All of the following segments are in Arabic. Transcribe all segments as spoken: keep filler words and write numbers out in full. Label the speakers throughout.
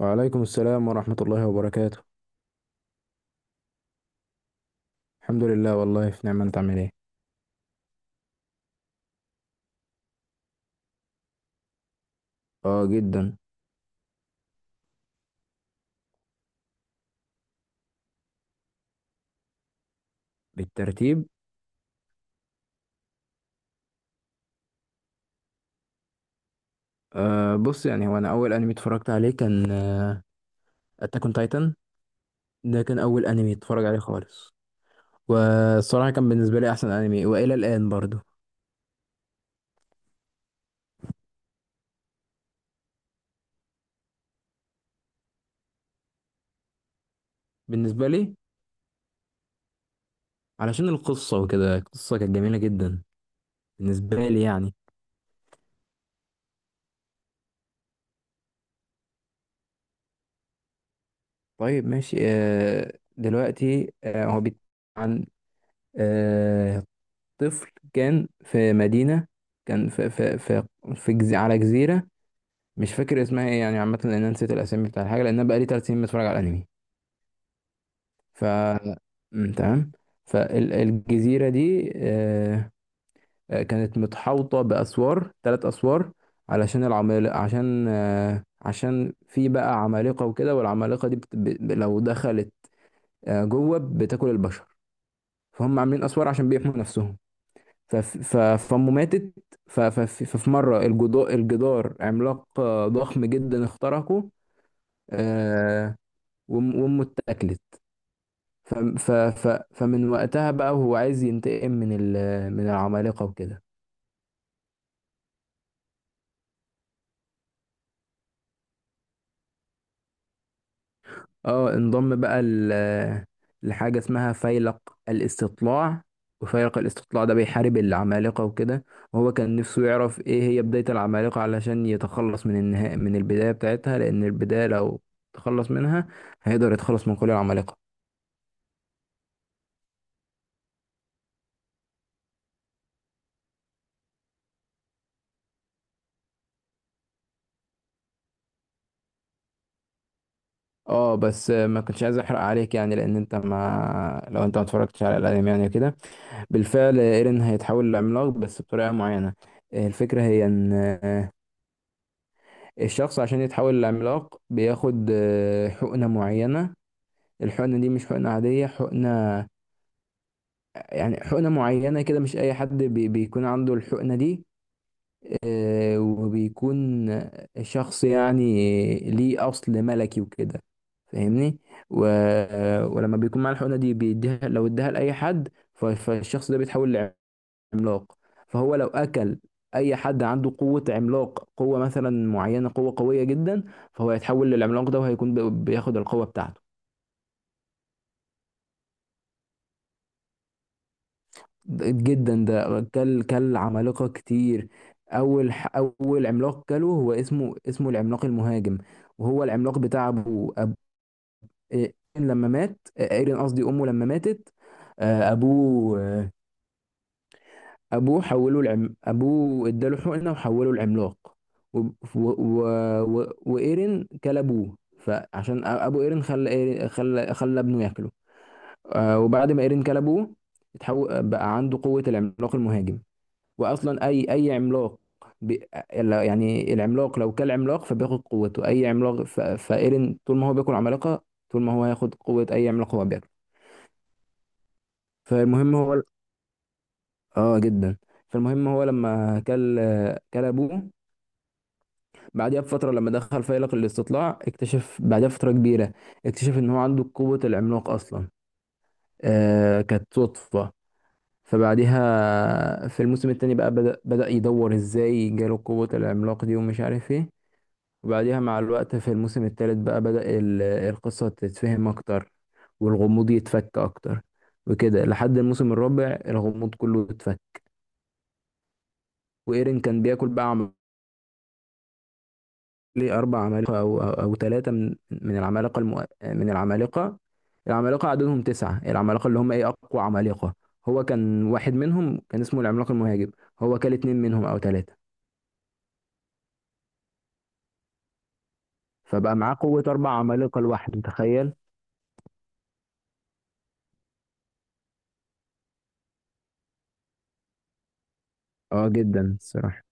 Speaker 1: وعليكم السلام ورحمة الله وبركاته. الحمد لله، والله في نعمة. انت عامل ايه؟ اه جدا. بالترتيب. آه بص، يعني هو انا اول انمي اتفرجت عليه كان اتاك اون تايتن. ده كان اول انمي اتفرج عليه خالص. والصراحة كان بالنسبة لي احسن انمي والى الان برضو، بالنسبة لي، علشان القصة وكده. القصة كانت جميلة جدا بالنسبة لي يعني. طيب، ماشي. آه دلوقتي آه هو بيت عن طفل كان في مدينة، كان في في في, في جز... على جزيرة. مش فاكر اسمها ايه يعني، عامة، لأن أنا نسيت الأسامي بتاع الحاجة، لأن أنا بقالي تلات سنين بتفرج على الأنمي. ف مم، تمام. فالجزيرة دي آه، آه، كانت متحوطة بأسوار، تلات أسوار، علشان العمال عشان آه، عشان في بقى عمالقة وكده. والعمالقة دي بت... ب... ب- لو دخلت آه، جوه بتاكل البشر. فهم عاملين أسوار عشان بيحموا نفسهم. فف- ف- فأمه ماتت. ف- فف- ففي مرة الجدار الجدار عملاق آه، ضخم جدا اخترقه، آه، وأم- وأمه اتاكلت. ف- ف- ف- فمن وقتها بقى وهو عايز ينتقم من ال- من العمالقة وكده. اه، انضم بقى ل- لحاجة اسمها فيلق الاستطلاع. وفيلق الاستطلاع ده بيحارب العمالقة وكده. وهو كان نفسه يعرف ايه هي بداية العمالقة، علشان يتخلص من النهاية، من البداية بتاعتها، لأن البداية لو تخلص منها هيقدر يتخلص من كل العمالقة. اه، بس ما كنتش عايز احرق عليك يعني، لان انت ما لو انت ما اتفرجتش على الانمي يعني كده. بالفعل ايرين هيتحول لعملاق، بس بطريقة معينة. الفكرة هي ان الشخص عشان يتحول لعملاق بياخد آه، حقنة معينة. الحقنة دي مش حقنة عادية، حقنة يعني حقنة معينة كده. مش أي حد بي بيكون عنده الحقنة دي، آه، وبيكون شخص يعني ليه أصل ملكي وكده، فاهمني. و... ولما بيكون معاه الحقنة دي بيديها، لو اداها لأي حد ف- فالشخص ده بيتحول عملاق. فهو لو اكل اي حد عنده قوة عملاق، قوة مثلا معينة، قوة قوية جدا، فهو هيتحول للعملاق ده، وهيكون ب- بياخد القوة بتاعته. ده- جدا. ده كل كل عمالقة كتير. اول ح- اول عملاق كله هو اسمه اسمه العملاق المهاجم، وهو العملاق بتاع ابوه. أب... إيه، لما مات آه، ايرين، قصدي امه، لما ماتت، آه، ابوه، ابوه حوله العم ابوه اداله حقنه وحوله العملاق. و... و... و... و... وايرين كل ابوه. فعشان أ- ابو ايرين خلى إيرين... خلى خلى ابنه ياكله. آه وبعد ما ايرين كل ابوه اتحو... بقى عنده قوه العملاق المهاجم. واصلا اي اي عملاق ب... لا- يعني العملاق لو كل عملاق فبياخد قوته اي عملاق، ف... فايرين طول ما هو بياكل عمالقه، طول ما هو هياخد قوه اي عملاق هو بياكله. فالمهم هو... اه جدا. فالمهم هو لما كل كل ابوه، بعدها بفترة، لما دخل فيلق الاستطلاع اكتشف بعدها بفترة كبيرة، اكتشف ان هو عنده قوة العملاق اصلا. آه كانت صدفة. فبعدها في الموسم التاني بقى بدأ, بدأ يدور ازاي جاله قوة العملاق دي ومش عارف ايه. وبعدها مع الوقت في الموسم التالت بقى بدأ ال- القصة تتفهم اكتر، والغموض يتفك اكتر، وكده لحد الموسم الرابع الغموض كله اتفك. وايرين كان بياكل بقى ليه أربع عمالقة أو أو, أو ثلاثة من من العمالقة، المؤ... من العمالقة. العمالقة عددهم تسعة، العمالقة اللي هم إيه أقوى عمالقة. هو كان واحد منهم كان اسمه العملاق المهاجم. هو كان اتنين منهم أو ثلاثة. فبقى معاه قوة أربع عمالقة لوحده، تخيل. اه جدا الصراحة.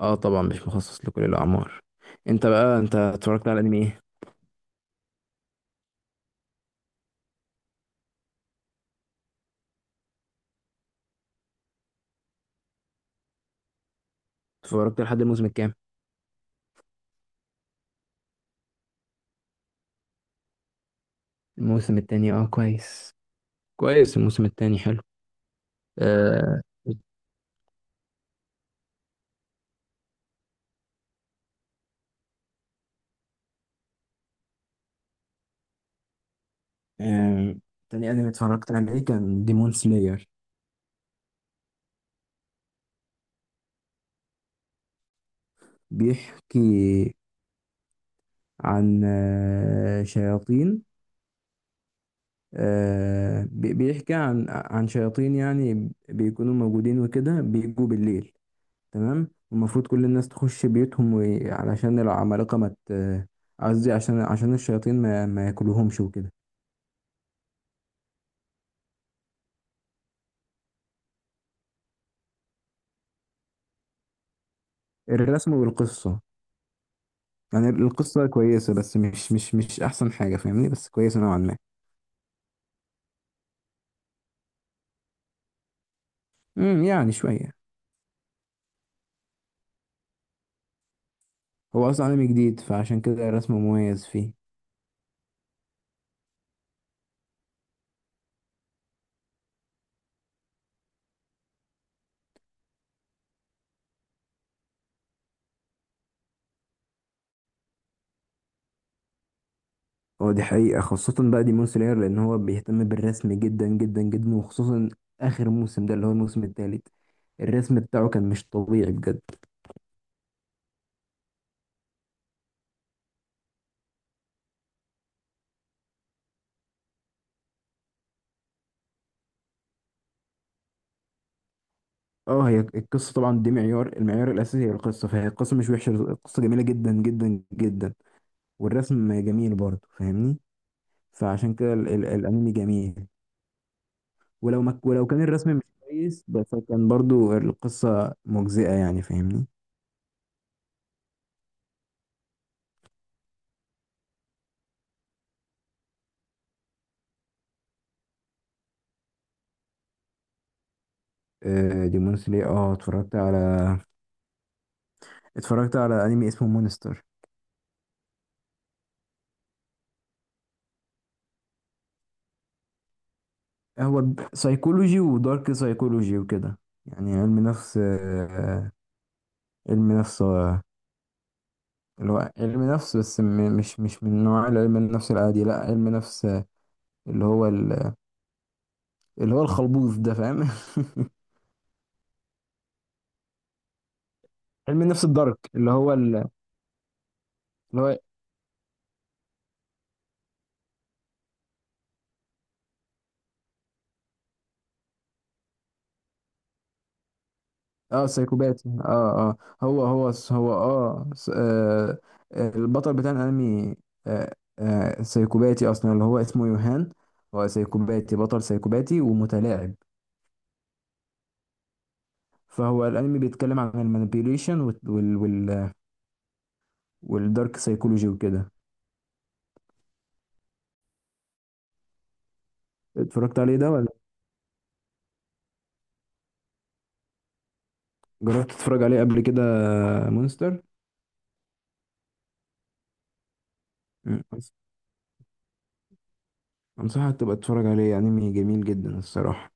Speaker 1: اه، طبعا مش مخصص لكل الأعمار. انت بقى انت اتفرجت على الأنمي ايه؟ اتفرجت لحد الموسم الكام؟ الموسم التاني. اه كويس، كويس. الموسم التاني حلو. آه... آه، تاني أنمي اتفرجت عليه كان ديمون سلاير. بيحكي عن آه، شياطين. آه، بي- بيحكي عن عن شياطين، يعني بيكونوا موجودين وكده، بيجوا بالليل. تمام، المفروض كل الناس تخش بيوتهم، وي- علشان العمالقة ما ت- قصدي عشان عشان الشياطين ما ما ياكلوهمش وكده. الرسم والقصة. يعني القصة كويسة، بس مش مش مش أحسن حاجة، فاهمني، بس كويسة نوعا ما. امم يعني شوية. هو أصلا عالم جديد، فعشان كده الرسم مميز فيه. هو دي حقيقة خاصة بقى ديمون سلاير، لأن هو بيهتم بالرسم جدا جدا جدا، وخصوصا آخر موسم ده اللي هو الموسم التالت. الرسم بتاعه كان مش طبيعي بجد. اه، هي القصة طبعا دي معيار، المعيار الأساسي هي القصة. فهي القصة مش وحشة، القصة جميلة جدا جدا جدا، والرسم جميل برضه، فاهمني. فعشان كده ال ال الأنمي جميل. ولو ما ولو كان الرسم مش كويس، بس كان برضه القصة مجزئة يعني، فاهمني. آه ديمون سلاير. اه، اتفرجت على اتفرجت على أنمي اسمه مونستر. هو سايكولوجي ودارك سايكولوجي وكده. يعني علم نفس، آه، علم نفس، آه، اللي هو علم نفس، بس م- مش مش من نوع علم النفس العادي. لا، علم نفس آه، اللي هو ال- اللي هو الخلبوز ده، فاهم؟ علم النفس الدارك، اللي هو ال- اللي هو اه سايكوباتي، اه اه. هو هو هو اه س- آه، آه، البطل بتاع الانمي، آه، آه، سايكوباتي اصلا، اللي هو اسمه يوهان. هو سايكوباتي، بطل سايكوباتي ومتلاعب. فهو الانمي بيتكلم عن المانيبيوليشن وال وال والدارك سايكولوجي وكده. اتفرجت عليه ده ولا جربت تتفرج عليه قبل كده؟ مونستر. مم. انصحك تبقى تتفرج عليه، انمي جميل جدا الصراحة.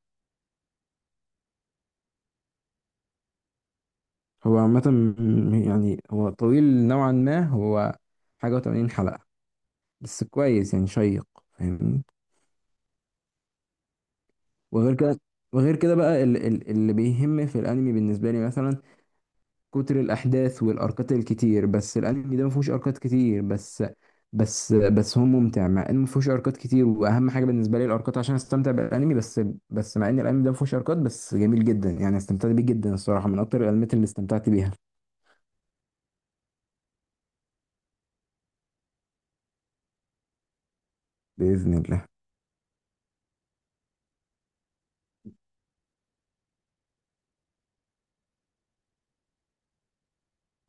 Speaker 1: هو عامة يعني هو طويل نوعا ما، هو حاجة و80 حلقة، بس كويس يعني، شيق، فاهمني. وغير كده، وغير كده بقى ال- ال- اللي بيهم في الانمي بالنسبة لي مثلا كتر الاحداث والاركات الكتير، بس الانمي ده ما فيهوش اركات كتير، بس بس بس هو ممتع، مع انه ما فيهوش اركات كتير، واهم حاجه بالنسبه لي الاركات عشان استمتع بالانمي. بس بس مع ان الانمي ده ما فيهوش اركات، بس جميل جدا يعني، استمتعت بيه جدا الصراحه، من اكتر الانميات اللي استمتعت بيها. باذن الله.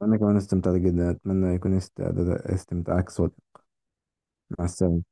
Speaker 1: انا كمان استمتعت جدا، اتمنى يكون است- استمتاعك صادق. مع السلامه.